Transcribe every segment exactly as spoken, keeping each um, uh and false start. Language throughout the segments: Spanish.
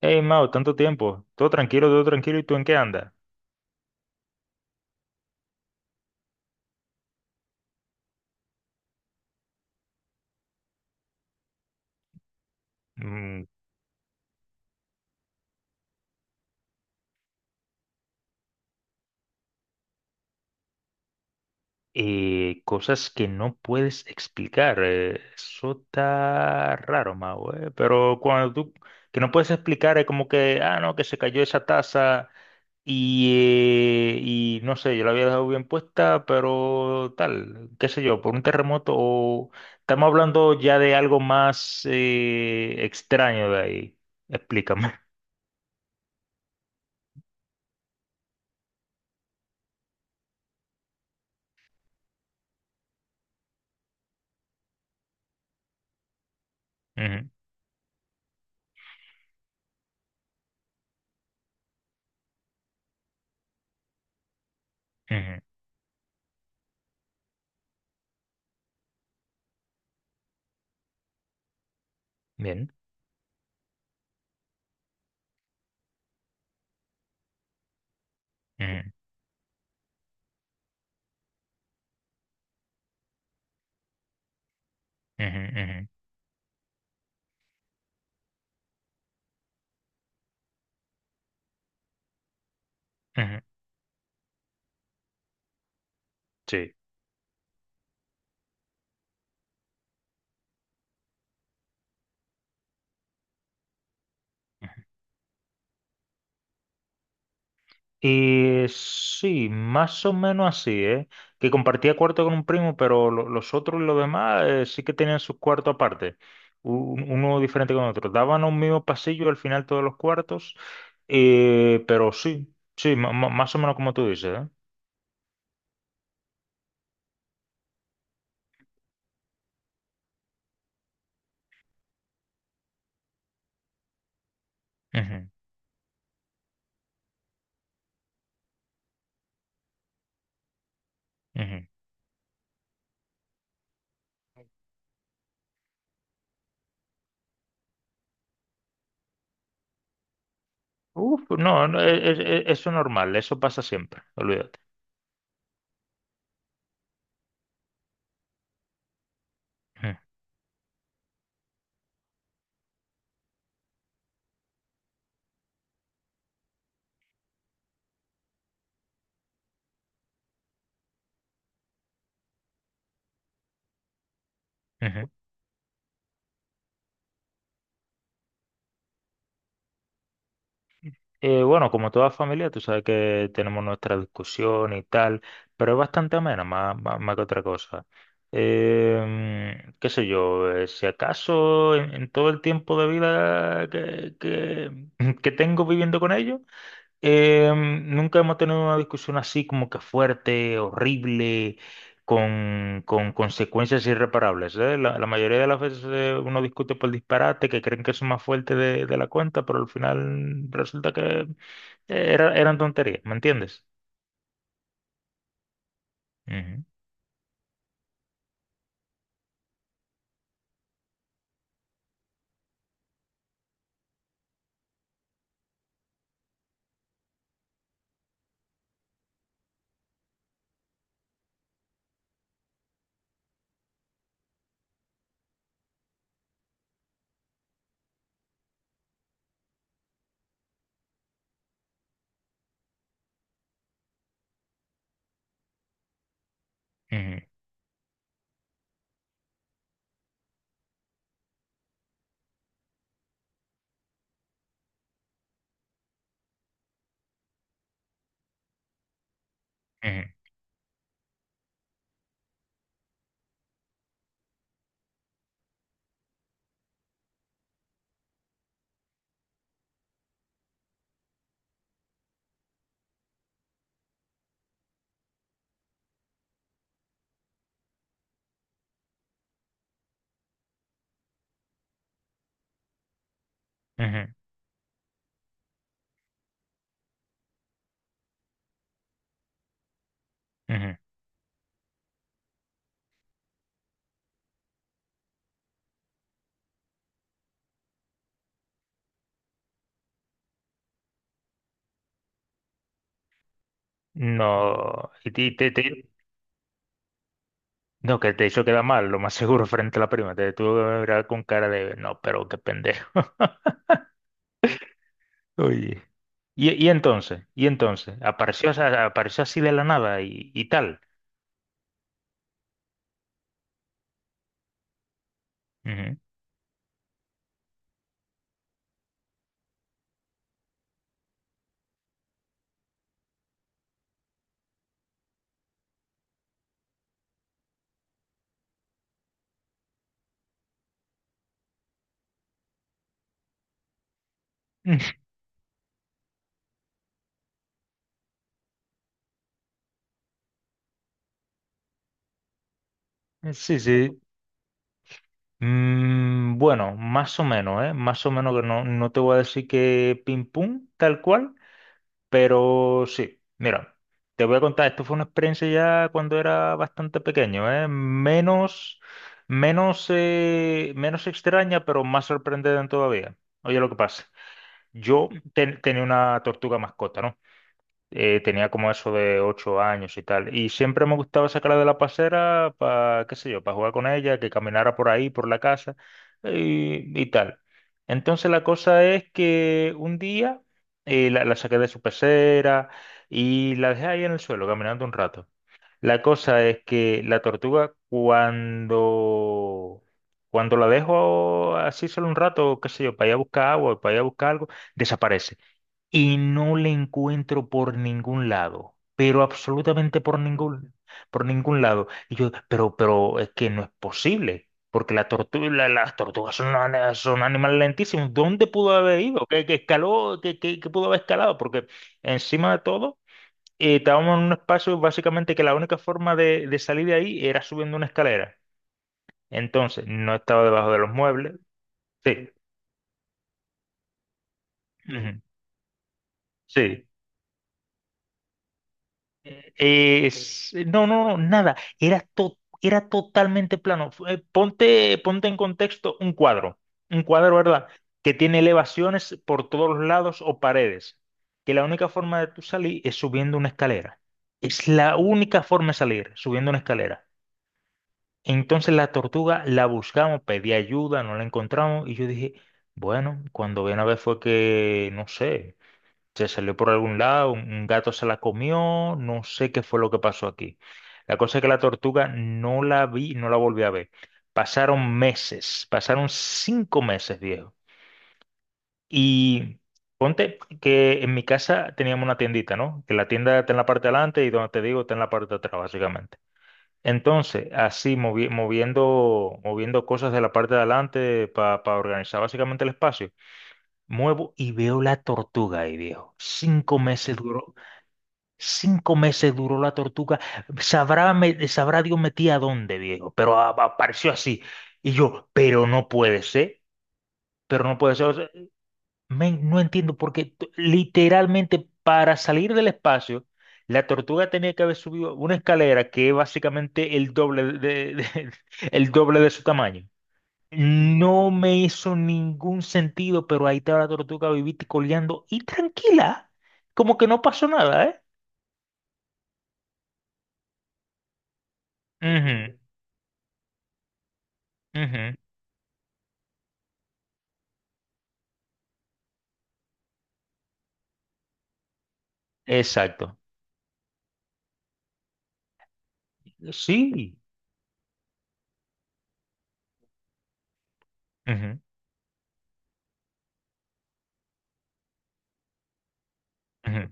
Hey, Mao, tanto tiempo. Todo tranquilo, todo tranquilo. ¿Y tú en qué andas? Mm, eh, cosas que no puedes explicar. Eh, eso está raro, Mao. eh, Pero cuando tú que no puedes explicar es como que, ah, no, que se cayó esa taza y, eh, y no sé, yo la había dejado bien puesta, pero tal, qué sé yo, por un terremoto o estamos hablando ya de algo más eh, extraño de ahí. Explícame. Ujú, ujú. Bien. Ujú, ujú, ujú. Sí. Y sí, más o menos así, ¿eh? Que compartía cuarto con un primo, pero lo- los otros, los demás eh, sí que tenían sus cuartos aparte, un- uno diferente con otro. Daban un mismo pasillo al final todos los cuartos, eh, pero sí, sí, ma- ma- más o menos como tú dices, ¿eh? Ujú, ujú. Uf, no, no, e- e- e- eso es normal, eso pasa siempre, olvídate. Ujú, ujú. Eh, bueno, como toda familia, tú sabes que tenemos nuestra discusión y tal, pero es bastante amena, más, más, más que otra cosa. Eh, qué sé yo, eh, si acaso en, en todo el tiempo de vida que, que, que tengo viviendo con ellos, Em, nunca hemos tenido una discusión así como que fuerte, horrible, con, con consecuencias irreparables, ¿eh? La, la mayoría de las veces eh, uno discute por disparate, que creen que son más fuertes de, de la cuenta, pero al final resulta que eh, era- eran tonterías, ¿me entiendes? Ujú, ujú, ujú, ujú, ujú. No, y te, te- te- no, que te hizo quedar mal, lo más seguro, frente a la prima, te tuvo que mirar con cara de, no, pero qué pendejo. Oye. Y, y entonces, y entonces, apareció, asa- apareció así de la nada y, y tal. Ujú. Sí, sí. Mm, bueno, más o menos, ¿eh? Más o menos que no, no te voy a decir que pim pum, tal cual, pero sí. Mira, te voy a contar, esto fue una experiencia ya cuando era bastante pequeño, ¿eh? Menos, menos, eh, menos extraña, pero más sorprendente todavía. Oye, lo que pasa, yo ten- tenía una tortuga mascota, ¿no? Eh, tenía como eso de ocho años y tal. Y siempre me gustaba sacarla de la pasera para, qué sé yo, para jugar con ella, que caminara por ahí, por la casa y, y tal. Entonces la cosa es que un día eh, la, la saqué de su pecera y la dejé ahí en el suelo caminando un rato. La cosa es que la tortuga cuando... Cuando la dejo así solo un rato, qué sé yo, para ir a buscar agua, para ir a buscar algo, desaparece y no le encuentro por ningún lado, pero absolutamente por ningún, por ningún lado. Y yo, pero, pero es que no es posible, porque la tortu- la- las tortugas son, ana- son animales lentísimos. ¿Dónde pudo haber ido? ¿Qué, qué escaló? ¿Qué, qué- qué pudo haber escalado? Porque encima de todo, eh, estábamos en un espacio básicamente que la única forma de, de salir de ahí era subiendo una escalera. Entonces, no estaba debajo de los muebles. Sí. Ujú. Sí. Eh, s- no, no, no, nada. Era, to- era totalmente plano. Fu- eh, ponte, ponte en contexto un cuadro, un cuadro, ¿verdad? Que tiene elevaciones por todos los lados o paredes. Que la única forma de tú salir es subiendo una escalera. Es la única forma de salir, subiendo una escalera. Entonces la tortuga la buscamos, pedí ayuda, no la encontramos y yo dije, bueno, cuando ven a ver fue que, no sé. Se salió por algún lado, un un gato se la comió, no sé qué fue lo que pasó aquí. La cosa es que la tortuga no la vi, no la volví a ver. Pasaron meses, pasaron cinco meses, viejo. Y ponte que en mi casa teníamos una tiendita, ¿no? Que la tienda está en la parte de adelante y donde te digo está en la parte de atrás, básicamente. Entonces, así movi- moviendo, moviendo cosas de la parte de adelante para organizar básicamente el espacio, muevo y veo la tortuga ahí, viejo. Cinco meses duró. Cinco meses duró la tortuga. Sabrá, me- sabrá Dios metía a dónde, viejo, pero a- apareció así. Y yo, pero no puede ser, pero no puede ser. O sea, men, no entiendo porque t- literalmente para salir del espacio, la tortuga tenía que haber subido una escalera que es básicamente el doble de, de- de- el doble de su tamaño. No me hizo ningún sentido, pero ahí estaba la tortuga vivita y coleando y tranquila, como que no pasó nada, ¿eh? Ujú, ujú. Exacto. Sí. Ujú, ujú,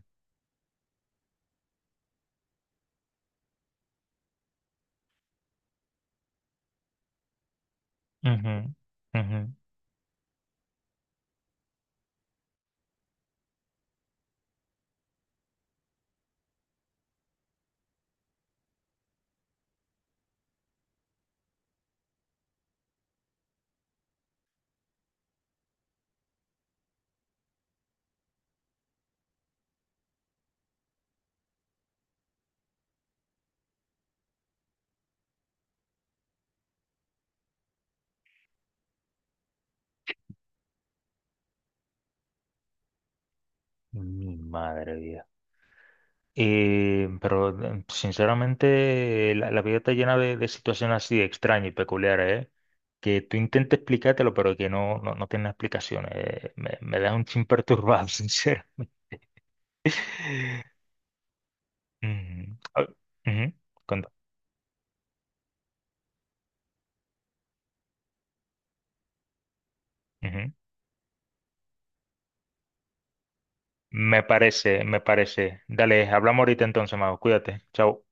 ujú, ujú. Mi madre vida. Eh, pero eh, sinceramente eh, la, la vida está llena de, de situaciones así extrañas y peculiares, ¿eh? Que tú intentes explicártelo, pero que no, no, no tiene explicaciones. eh, Me, me deja un chin perturbado, sincero. Ujú. Ah, ujú, cuando- ujú. Me parece, me parece. Dale, hablamos ahorita entonces, Mago. Cuídate. Chao.